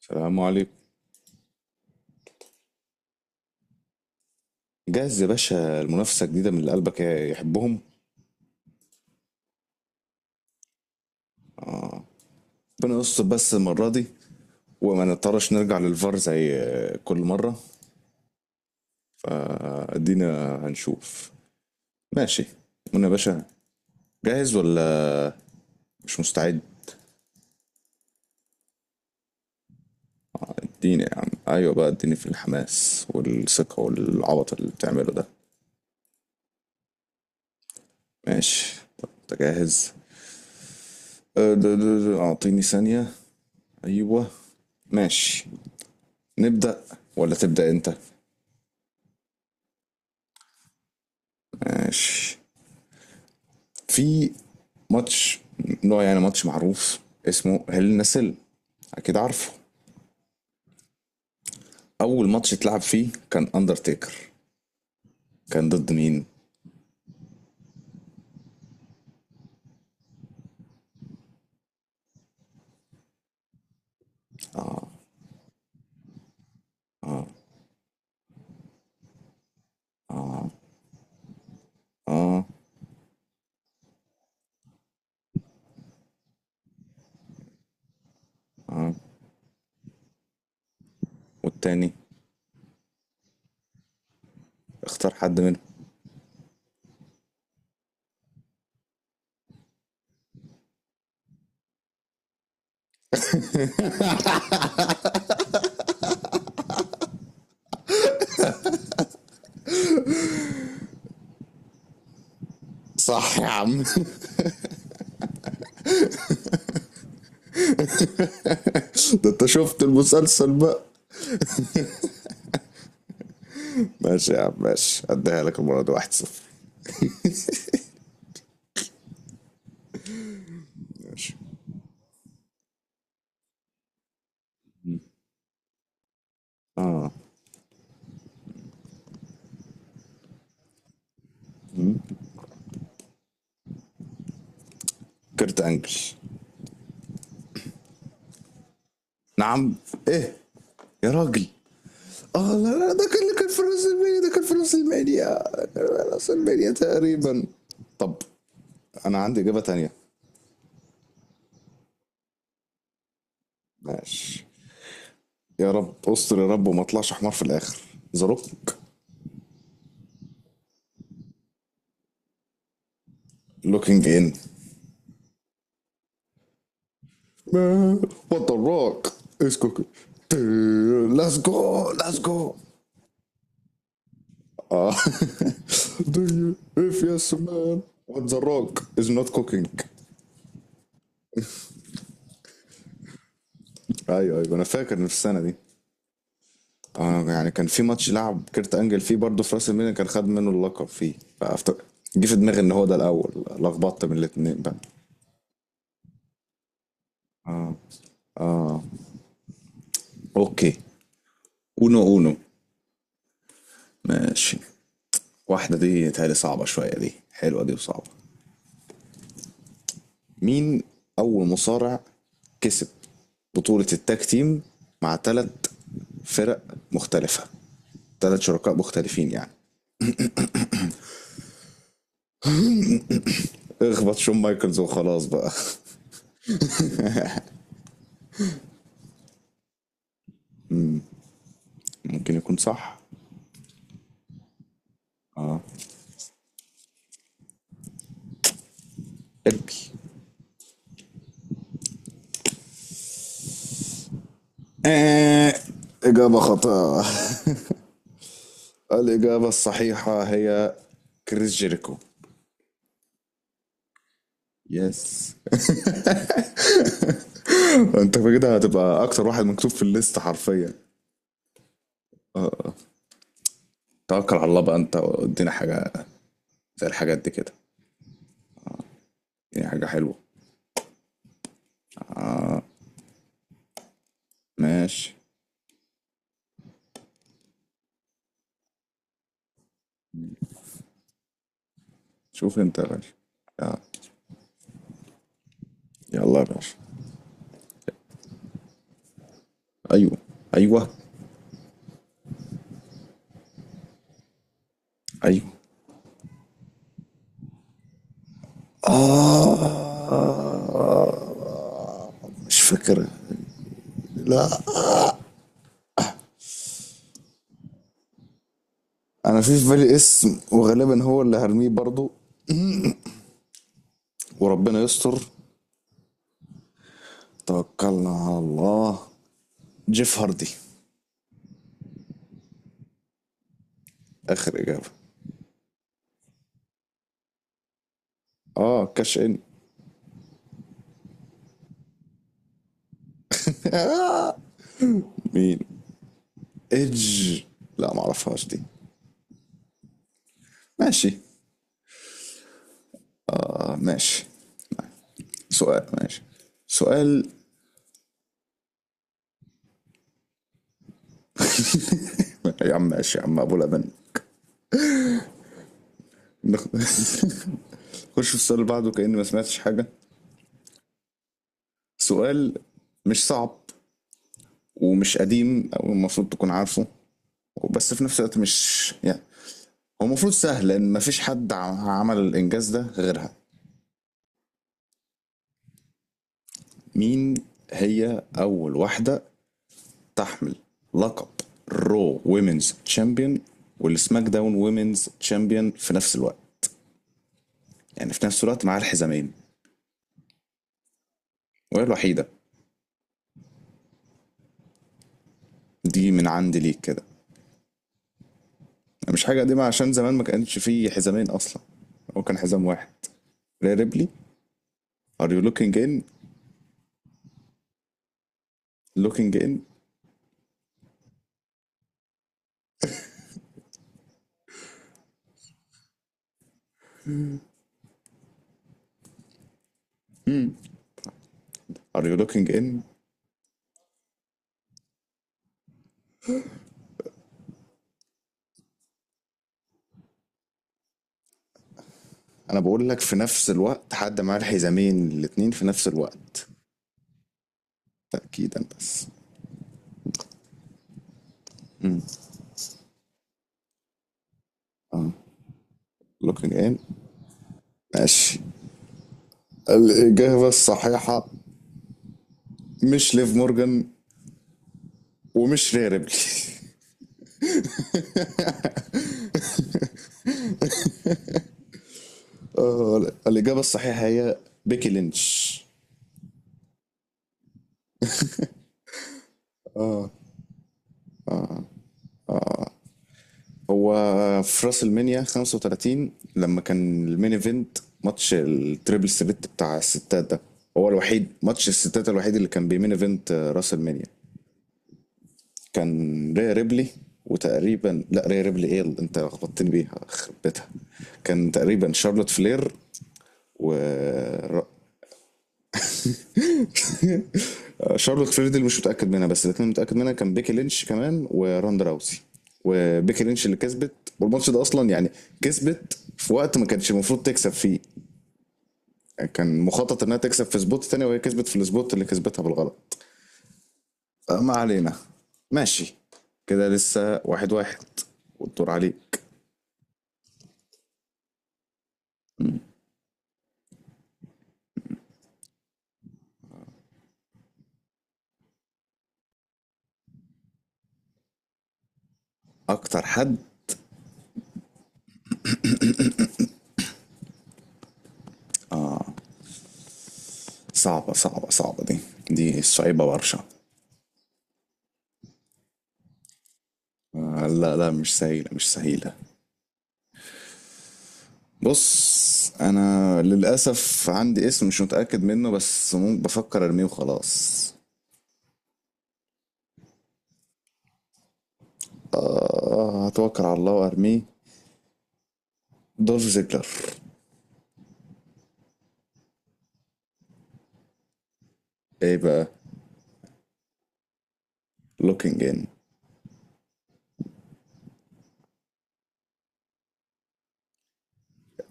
السلام عليكم. جهز يا باشا المنافسة الجديدة من اللي قلبك يحبهم. ربنا يستر بس المرة دي وما نضطرش نرجع للفار زي كل مرة. فادينا هنشوف. ماشي. قلنا يا باشا، جاهز ولا مش مستعد؟ اديني يا عم، ايوه بقى، اديني في الحماس والثقة والعبط اللي بتعمله ده. ماشي، طب انت جاهز؟ أه، د- د- د- اعطيني ثانية. ايوه. ماشي. نبدأ ولا تبدأ انت؟ ماشي. في ماتش، نوع يعني ماتش معروف اسمه هيل ان سيل، اكيد عارفه. اول ماتش اتلعب فيه كان اندرتيكر، كان ضد مين؟ والتاني؟ اختار حد منهم. صح يا عم. ده انت شفت المسلسل بقى. ماشي يا عم ماشي، اديها لك المره دي 1-0. ماشي. كرت انجل. نعم؟ ايه يا راجل؟ اه لا لا، ده كان اللي كان في راس المانيا، ده كان في راس المانيا، راس المانيا تقريبا. طب انا عندي اجابه تانية. ماشي. يا رب استر يا رب وما اطلعش حمار في الاخر. ذا روك. لوكينج ان. وات ذا روك از كوكينج. ليتس جو ليتس جو. اه Do you- if yes man what the rock is not cooking. ايوه ايوه، انا فاكر إن في السنه دي. يعني كان في ماتش لعب كيرت انجل فيه برضه في راس المينا، كان خد منه اللقب فيه، فأفتكر جه في دماغي ان هو ده الاول، لخبطت من الاتنين بقى. اوكي. اونو اونو. ماشي. واحدة دي تهيألي صعبة شوية، دي حلوة دي وصعبة. مين أول مصارع كسب بطولة التاج تيم مع تلات فرق مختلفة، تلات شركاء مختلفين يعني؟ اخبط شون مايكلز وخلاص بقى. ممكن يكون صح. اه اركي. آه. إجابة خاطئة. الإجابة الصحيحة هي كريس جيريكو. يس. انت كده هتبقى اكتر واحد مكتوب في الليست حرفيا. آه. توكل على الله بقى، انت ادينا حاجة زي الحاجات دي كده، دي حاجة حلوة. ماشي شوف انت يا غالي. يلا يا باشا. ايوه ايوه ايوه. آه مش فاكر، لا. انا في بالي اسم وغالبا هو اللي هرميه برضو، وربنا يستر. توكلنا على الله. جيف هاردي. اخر اجابه. اه، كاش ان. مين؟ ايدج؟ لا ما اعرفهاش دي. ماشي. اه ماشي. سؤال، ماشي. سؤال. يا عم ماشي يا عم ابو لبن. نخش في السؤال اللي بعده كأني ما سمعتش حاجة. سؤال مش صعب ومش قديم أو المفروض تكون عارفه، بس في نفس الوقت مش يعني، هو المفروض سهل لأن مفيش حد عمل الإنجاز ده غيرها. مين هي أول واحدة تحمل لقب رو ويمنز تشامبيون والسماك داون ويمنز تشامبيون في نفس الوقت، يعني في نفس الوقت معاها الحزامين وهي الوحيدة؟ دي من عندي ليك كده، مش حاجة قديمة عشان زمان ما كانش فيه حزامين أصلا، هو كان حزام واحد. ريبلي. are you looking in. looking in. are you looking in. أنا بقول لك في نفس الوقت حد معاه الحزامين الاتنين في نفس الوقت، تأكيدا بس. مم. looking in. ماشي، الإجابة الصحيحة مش ليف مورجان ومش ري ريبلي. آه، الإجابة الصحيحة هي بيكي لينش. هو في راس المنيا 35 لما كان المين ايفنت ماتش التريبل ثريت بتاع الستات ده، هو الوحيد ماتش الستات الوحيد اللي كان بيمين ايفنت راس المنيا كان ريا ريبلي. وتقريبا، لا ريا ريبلي، ايه اللي انت لخبطتني بيها، خرب بيتها. كان تقريبا شارلوت فلير و ر- شارلوت فلير دي اللي مش متاكد منها، بس الاثنين متاكد منها كان بيكي لينش كمان وراندا راوسي. وبيكي لينش اللي كسبت. والماتش ده اصلا يعني كسبت في وقت ما كانش المفروض تكسب فيه، كان مخطط انها تكسب في سبوت تاني وهي كسبت في السبوت اللي كسبتها بالغلط. ما علينا. ماشي. كده لسه واحد واحد والدور عليك. اكتر حد. صعبة صعبة صعبة دي، دي صعيبة برشا. لا لا، مش سهيلة مش سهيلة. بص انا للاسف عندي اسم مش متاكد منه، بس ممكن بفكر ارميه وخلاص. آه، هتوكل على الله وارميه. دولف زيجلر. ايه بقى؟ looking in.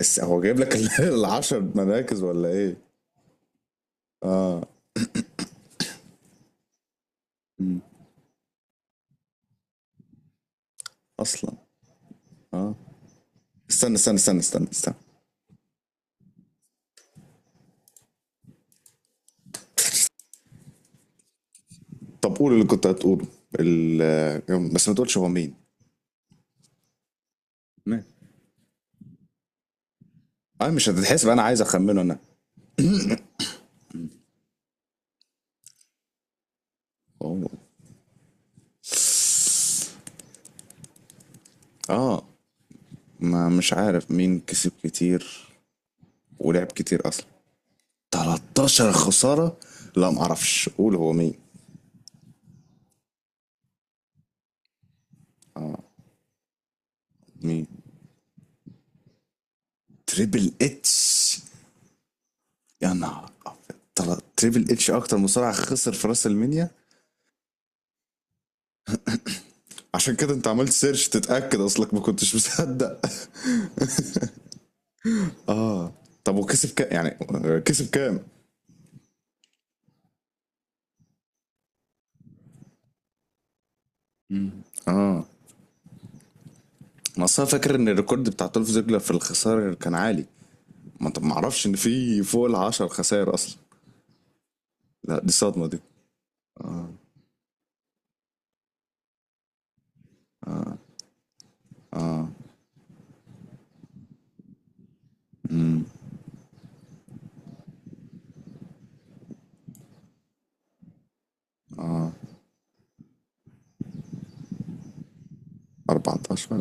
هو جايب لك العشر مراكز ولا ايه اصلا؟ اه استنى استنى استنى استنى استنى. طب قول اللي كنت هتقوله، بس ما تقولش هو مين. ماشي. اه مش هتتحسب، انا عايز اخمنه انا. هو، اه ما مش عارف مين كسب كتير ولعب كتير اصلا. 13 خسارة. لا ما اعرفش، قول هو مين. مين؟ تريبل اتش. يا نهار ابيض، تريبل اتش اكتر مصارع خسر في راس المنيا؟ عشان كده انت عملت سيرش تتاكد اصلك ما كنتش مصدق. اه. طب وكسب كام يعني؟ كسب كام؟ اه، ما أصل أنا فاكر ان الريكورد بتاع تولف زيجلر في الخسائر كان عالي. ما طب، ما اعرفش ان في فوق ال 10 خسائر اصلا. لا دي صدمه دي. 14.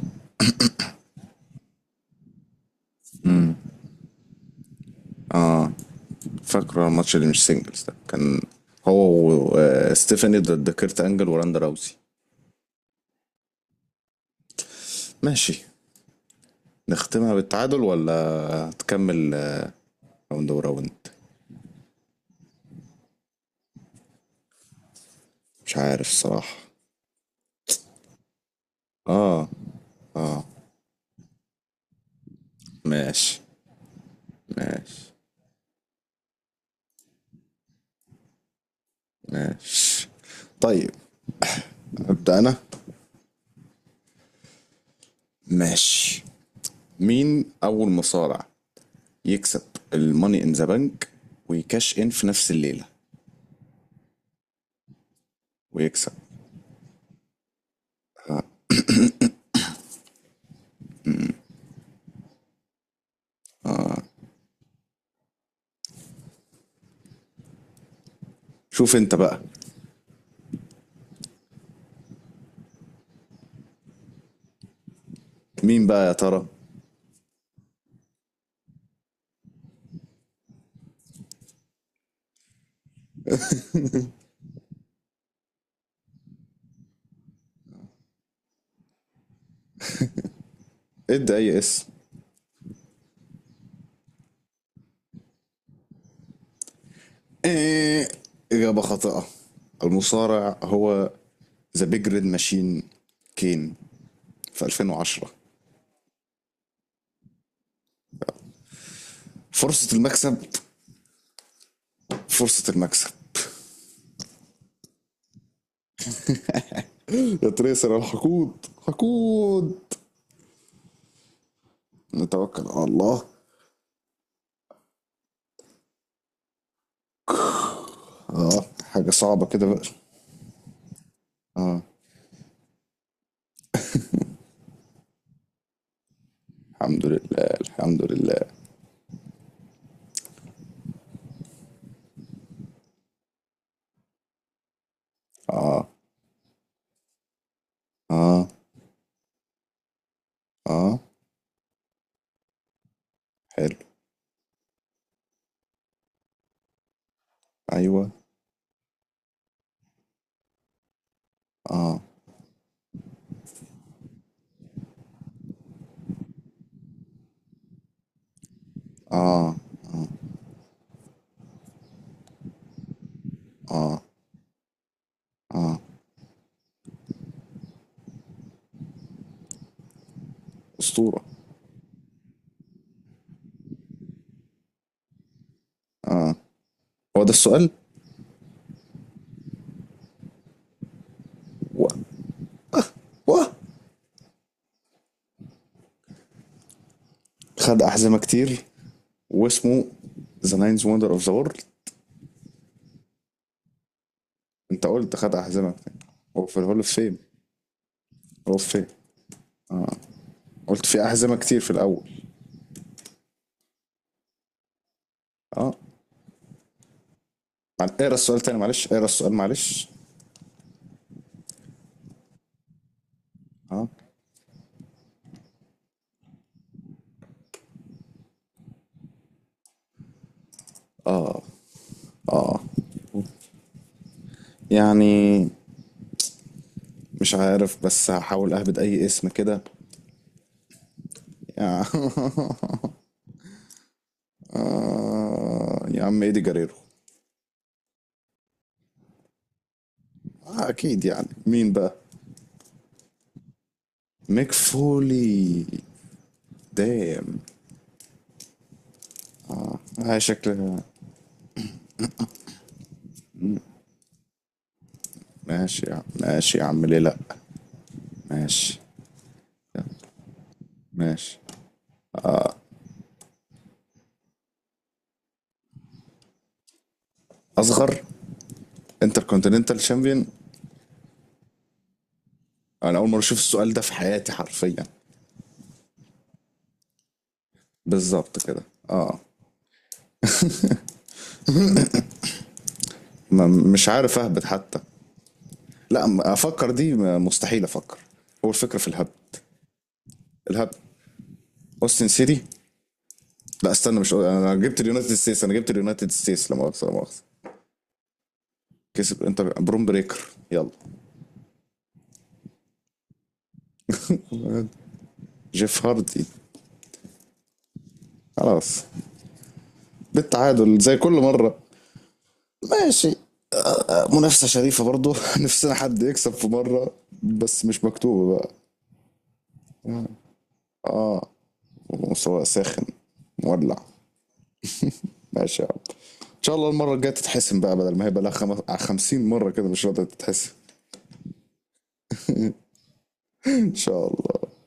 فاكره الماتش اللي مش سنجلز ده كان هو وستيفاني ضد كيرت انجل وراندا راوسي. ماشي. نختمها بالتعادل ولا تكمل؟ راوند وراوند. مش عارف الصراحه. اه. اه، ماشي ماشي ماشي طيب. أبدأ أنا. ماشي. مين أول مصارع يكسب الماني إن ذا بنك ويكاش إن في نفس الليلة ويكسب؟ شوف أنت بقى مين بقى يا ترى. ادي أي اسم. إيه؟ إجابة خاطئة. المصارع هو ذا بيج ريد ماشين كين في 2010. فرصة المكسب فرصة المكسب. يا تريسر الحقود حقود. نتوكل على الله. اه حاجة صعبة كده بقى. اه الحمد لله الحمد لله. اه اه اه، حلو. ايوه. اه اه اه اه. اسطورة. هو ده السؤال. و و خد أحزمة كتير، واسمه ذا ناينز وندر اوف ذا وورلد. انت قلت خد أحزمة كتير، هو في الهول اوف فيم. هو في فيم. قلت في أحزمة كتير في الأول. اه، اقرا السؤال تاني معلش، اقرا السؤال معلش. اه يعني مش عارف، بس هحاول اهبد اي اسم كده. يا. يا عم ايدي جريرو. اكيد يعني مين بقى؟ ميك فولي. دام. آه شكلها. ماشي يا عم ماشي يا عم، ليه لا. ماشي ماشي. اصغر انتركونتيننتال شامبيون. انا اول مره اشوف السؤال ده في حياتي حرفيا. بالظبط كده. اه. ما مش عارف اهبط حتى. لا، افكر دي مستحيل افكر. هو الفكره في الهبد الهبد. اوستن سيتي. لا استنى، مش انا جبت اليونايتد ستيتس انا جبت اليونايتد ستيتس، لا مؤاخذه لا مؤاخذه. كسب انتر بروم بريكر. يلا. جيف هاردي. خلاص. بالتعادل زي كل مره. ماشي. منافسه شريفه برضو. نفسنا حد يكسب في مره بس مش مكتوبه بقى. اه. مستوى ساخن مولع. ماشي يا عم. ان شاء الله المره الجايه تتحسن بقى بدل ما هي بقى لها 50 مره كده مش راضيه تتحسن. ان شاء الله.